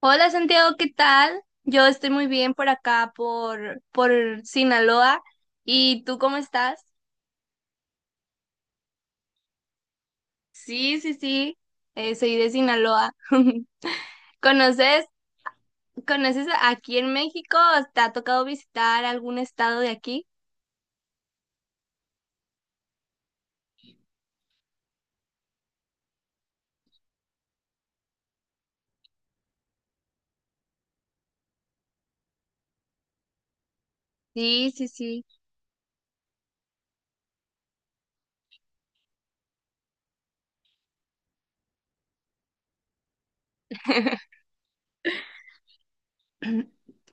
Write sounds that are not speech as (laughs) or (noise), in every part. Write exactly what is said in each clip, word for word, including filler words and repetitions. Hola Santiago, ¿qué tal? Yo estoy muy bien por acá, por, por Sinaloa. ¿Y tú cómo estás? Sí, sí, sí, eh, soy de Sinaloa. (laughs) ¿Conoces, ¿conoces aquí en México? ¿Te ha tocado visitar algún estado de aquí? Sí, sí, sí. (laughs)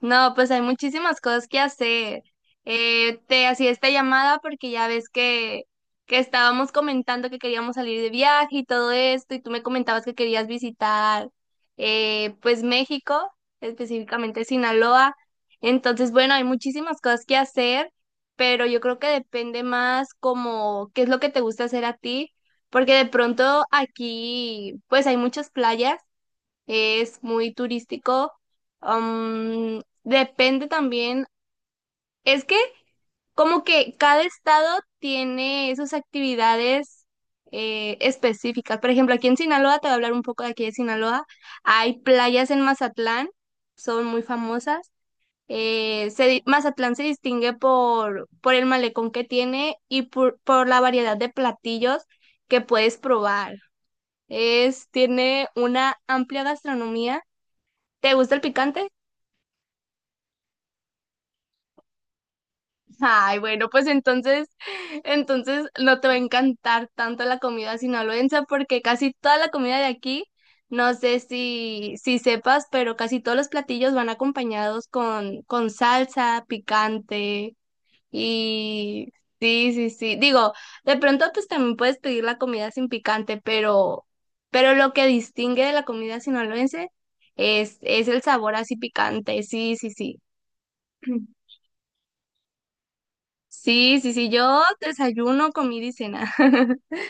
No, pues hay muchísimas cosas que hacer. Eh, te hacía esta llamada porque ya ves que, que estábamos comentando que queríamos salir de viaje y todo esto, y tú me comentabas que querías visitar eh, pues México, específicamente Sinaloa. Entonces, bueno, hay muchísimas cosas que hacer, pero yo creo que depende más como qué es lo que te gusta hacer a ti, porque de pronto aquí pues hay muchas playas, es muy turístico. Um, depende también, es que como que cada estado tiene sus actividades eh, específicas. Por ejemplo, aquí en Sinaloa, te voy a hablar un poco de aquí de Sinaloa, hay playas en Mazatlán, son muy famosas. Eh, se di- Mazatlán se distingue por, por el malecón que tiene y por, por la variedad de platillos que puedes probar. Es, tiene una amplia gastronomía. ¿Te gusta el picante? Ay, bueno, pues entonces, entonces no te va a encantar tanto la comida sinaloense porque casi toda la comida de aquí, no sé si, si sepas, pero casi todos los platillos van acompañados con, con salsa, picante y sí, sí, sí. Digo, de pronto pues también puedes pedir la comida sin picante, pero, pero lo que distingue de la comida sinaloense es, es el sabor así picante, sí, sí, sí. (clears throat) Sí, sí, sí, yo desayuno, comida y cena. (laughs)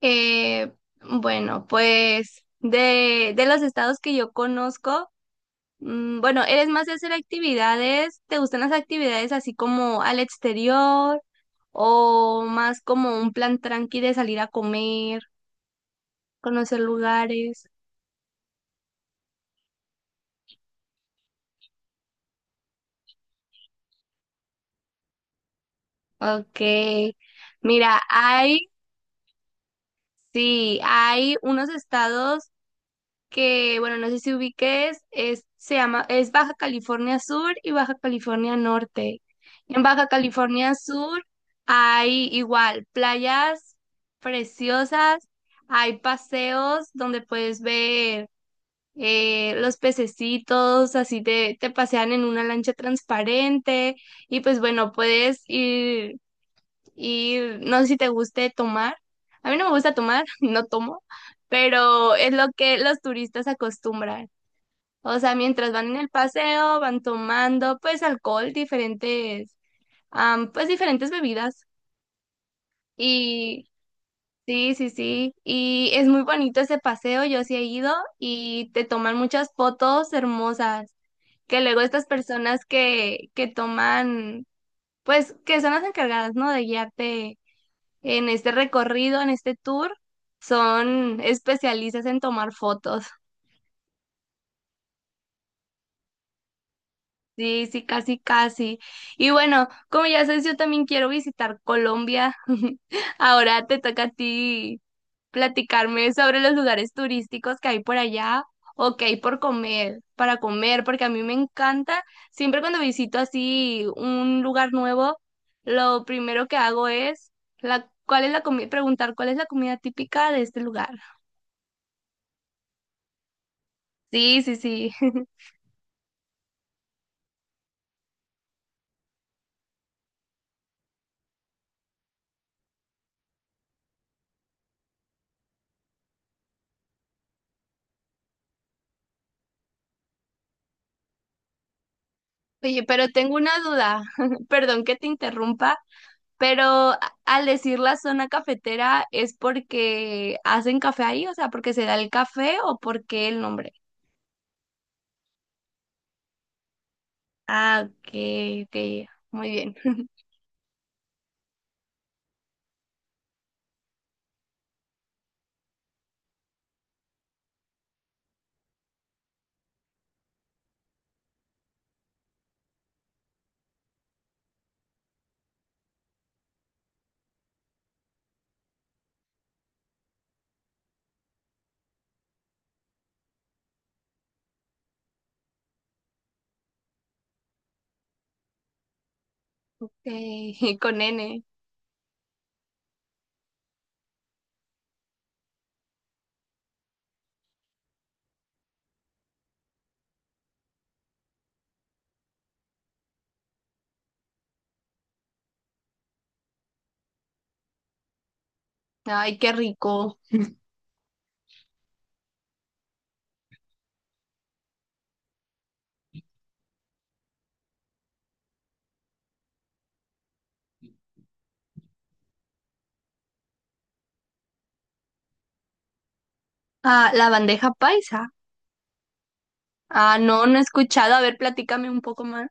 Eh, bueno, pues de, de los estados que yo conozco, mm, bueno, ¿eres más de hacer actividades? ¿Te gustan las actividades así como al exterior o más como un plan tranqui de salir a comer, conocer lugares? Ok, mira, hay, sí, hay unos estados que, bueno, no sé si ubiques, es, se llama, es Baja California Sur y Baja California Norte. En Baja California Sur hay igual playas preciosas, hay paseos donde puedes ver eh, los pececitos, así te, te pasean en una lancha transparente y pues bueno, puedes ir y no sé si te guste tomar. A mí no me gusta tomar, (laughs) no tomo, pero es lo que los turistas acostumbran. O sea, mientras van en el paseo, van tomando pues alcohol, diferentes, am, pues diferentes bebidas. Y sí, sí, sí. Y es muy bonito ese paseo, yo sí he ido y te toman muchas fotos hermosas. Que luego estas personas que, que toman, pues que son las encargadas, ¿no? De guiarte en este recorrido, en este tour, son especialistas en tomar fotos. Sí, sí, casi, casi. Y bueno, como ya sabes, yo también quiero visitar Colombia. (laughs) Ahora te toca a ti platicarme sobre los lugares turísticos que hay por allá o que hay por comer, para comer, porque a mí me encanta. Siempre cuando visito así un lugar nuevo, lo primero que hago es la, ¿cuál es la comida? Preguntar cuál es la comida típica de este lugar. Sí, sí, sí. (laughs) Oye, pero tengo una duda. (laughs) Perdón que te interrumpa, pero a- al decir la zona cafetera es porque hacen café ahí, o sea, porque se da el café o porque el nombre. Ah, ok, ok, muy bien. Eh, (laughs) con N. Ay, qué rico. Ah, la bandeja paisa. Ah, no, no he escuchado. A ver, platícame un poco más.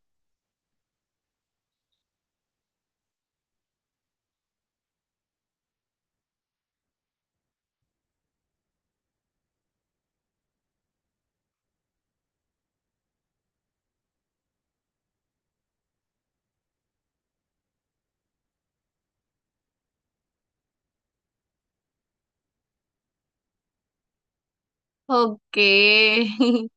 Ok. (laughs)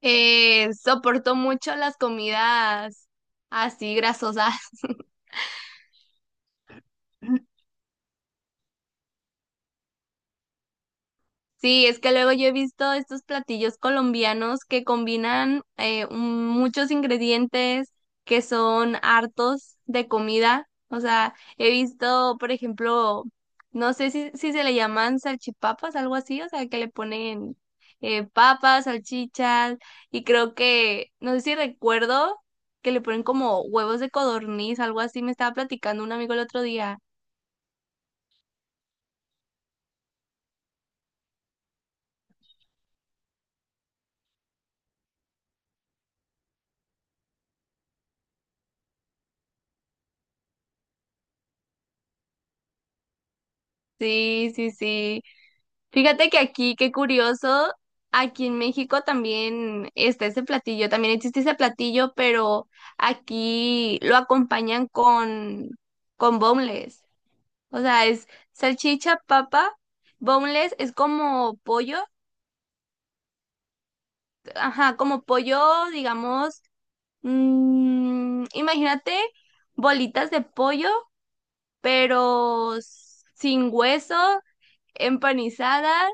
Eh, soporto mucho las comidas así grasosas. (laughs) Sí, es que luego yo he visto estos platillos colombianos que combinan eh, un- muchos ingredientes que son hartos de comida. O sea, he visto, por ejemplo, no sé si, si se le llaman salchipapas, algo así, o sea, que le ponen eh, papas, salchichas, y creo que, no sé si recuerdo que le ponen como huevos de codorniz, algo así, me estaba platicando un amigo el otro día. Sí, sí, sí. Fíjate que aquí, qué curioso, aquí en México también está ese platillo, también existe ese platillo, pero aquí lo acompañan con, con boneless. O sea, es salchicha, papa, boneless es como pollo, ajá, como pollo, digamos, mm, imagínate bolitas de pollo, pero sin hueso, empanizadas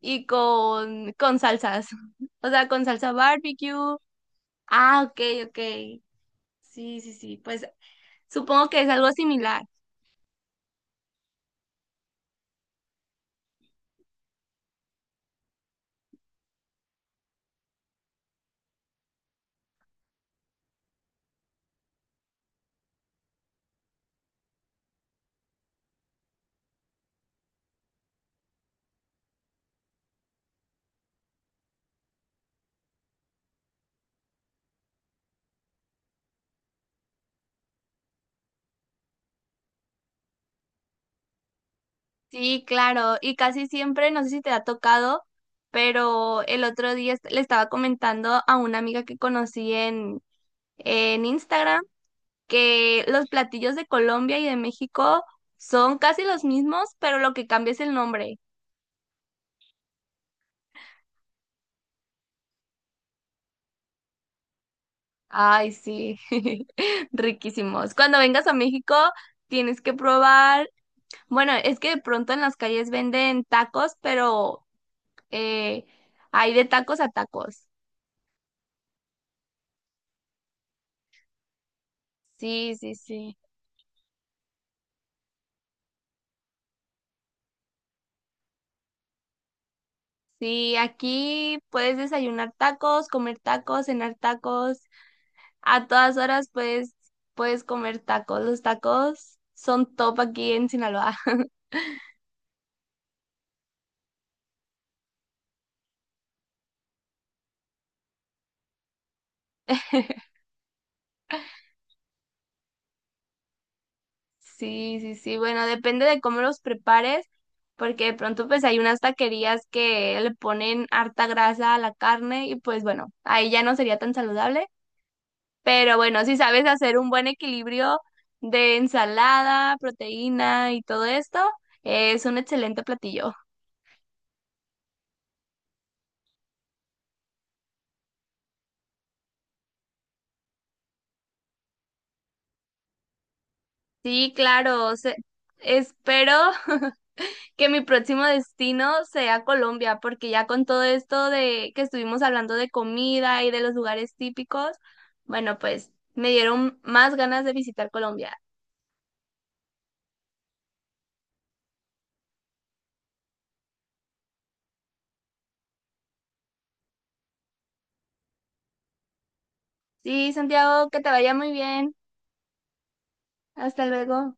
y con, con salsas. (laughs) O sea, con salsa barbecue. Ah, ok, ok. Sí, sí, sí. Pues supongo que es algo similar. Sí, claro. Y casi siempre, no sé si te ha tocado, pero el otro día est- le estaba comentando a una amiga que conocí en, en Instagram que los platillos de Colombia y de México son casi los mismos, pero lo que cambia es el nombre. Ay, sí, (laughs) riquísimos. Cuando vengas a México, tienes que probar. Bueno, es que de pronto en las calles venden tacos, pero eh, hay de tacos a tacos. Sí, sí, sí. Sí, aquí puedes desayunar tacos, comer tacos, cenar tacos. A todas horas puedes, puedes comer tacos. Los tacos son top aquí en Sinaloa. (laughs) Sí, sí, sí. Bueno, depende de cómo los prepares, porque de pronto pues hay unas taquerías que le ponen harta grasa a la carne y pues bueno, ahí ya no sería tan saludable. Pero bueno, si sabes hacer un buen equilibrio de ensalada, proteína y todo esto, es un excelente platillo. Sí, claro. Se- espero (laughs) que mi próximo destino sea Colombia, porque ya con todo esto de que estuvimos hablando de comida y de los lugares típicos, bueno, pues me dieron más ganas de visitar Colombia. Sí, Santiago, que te vaya muy bien. Hasta luego.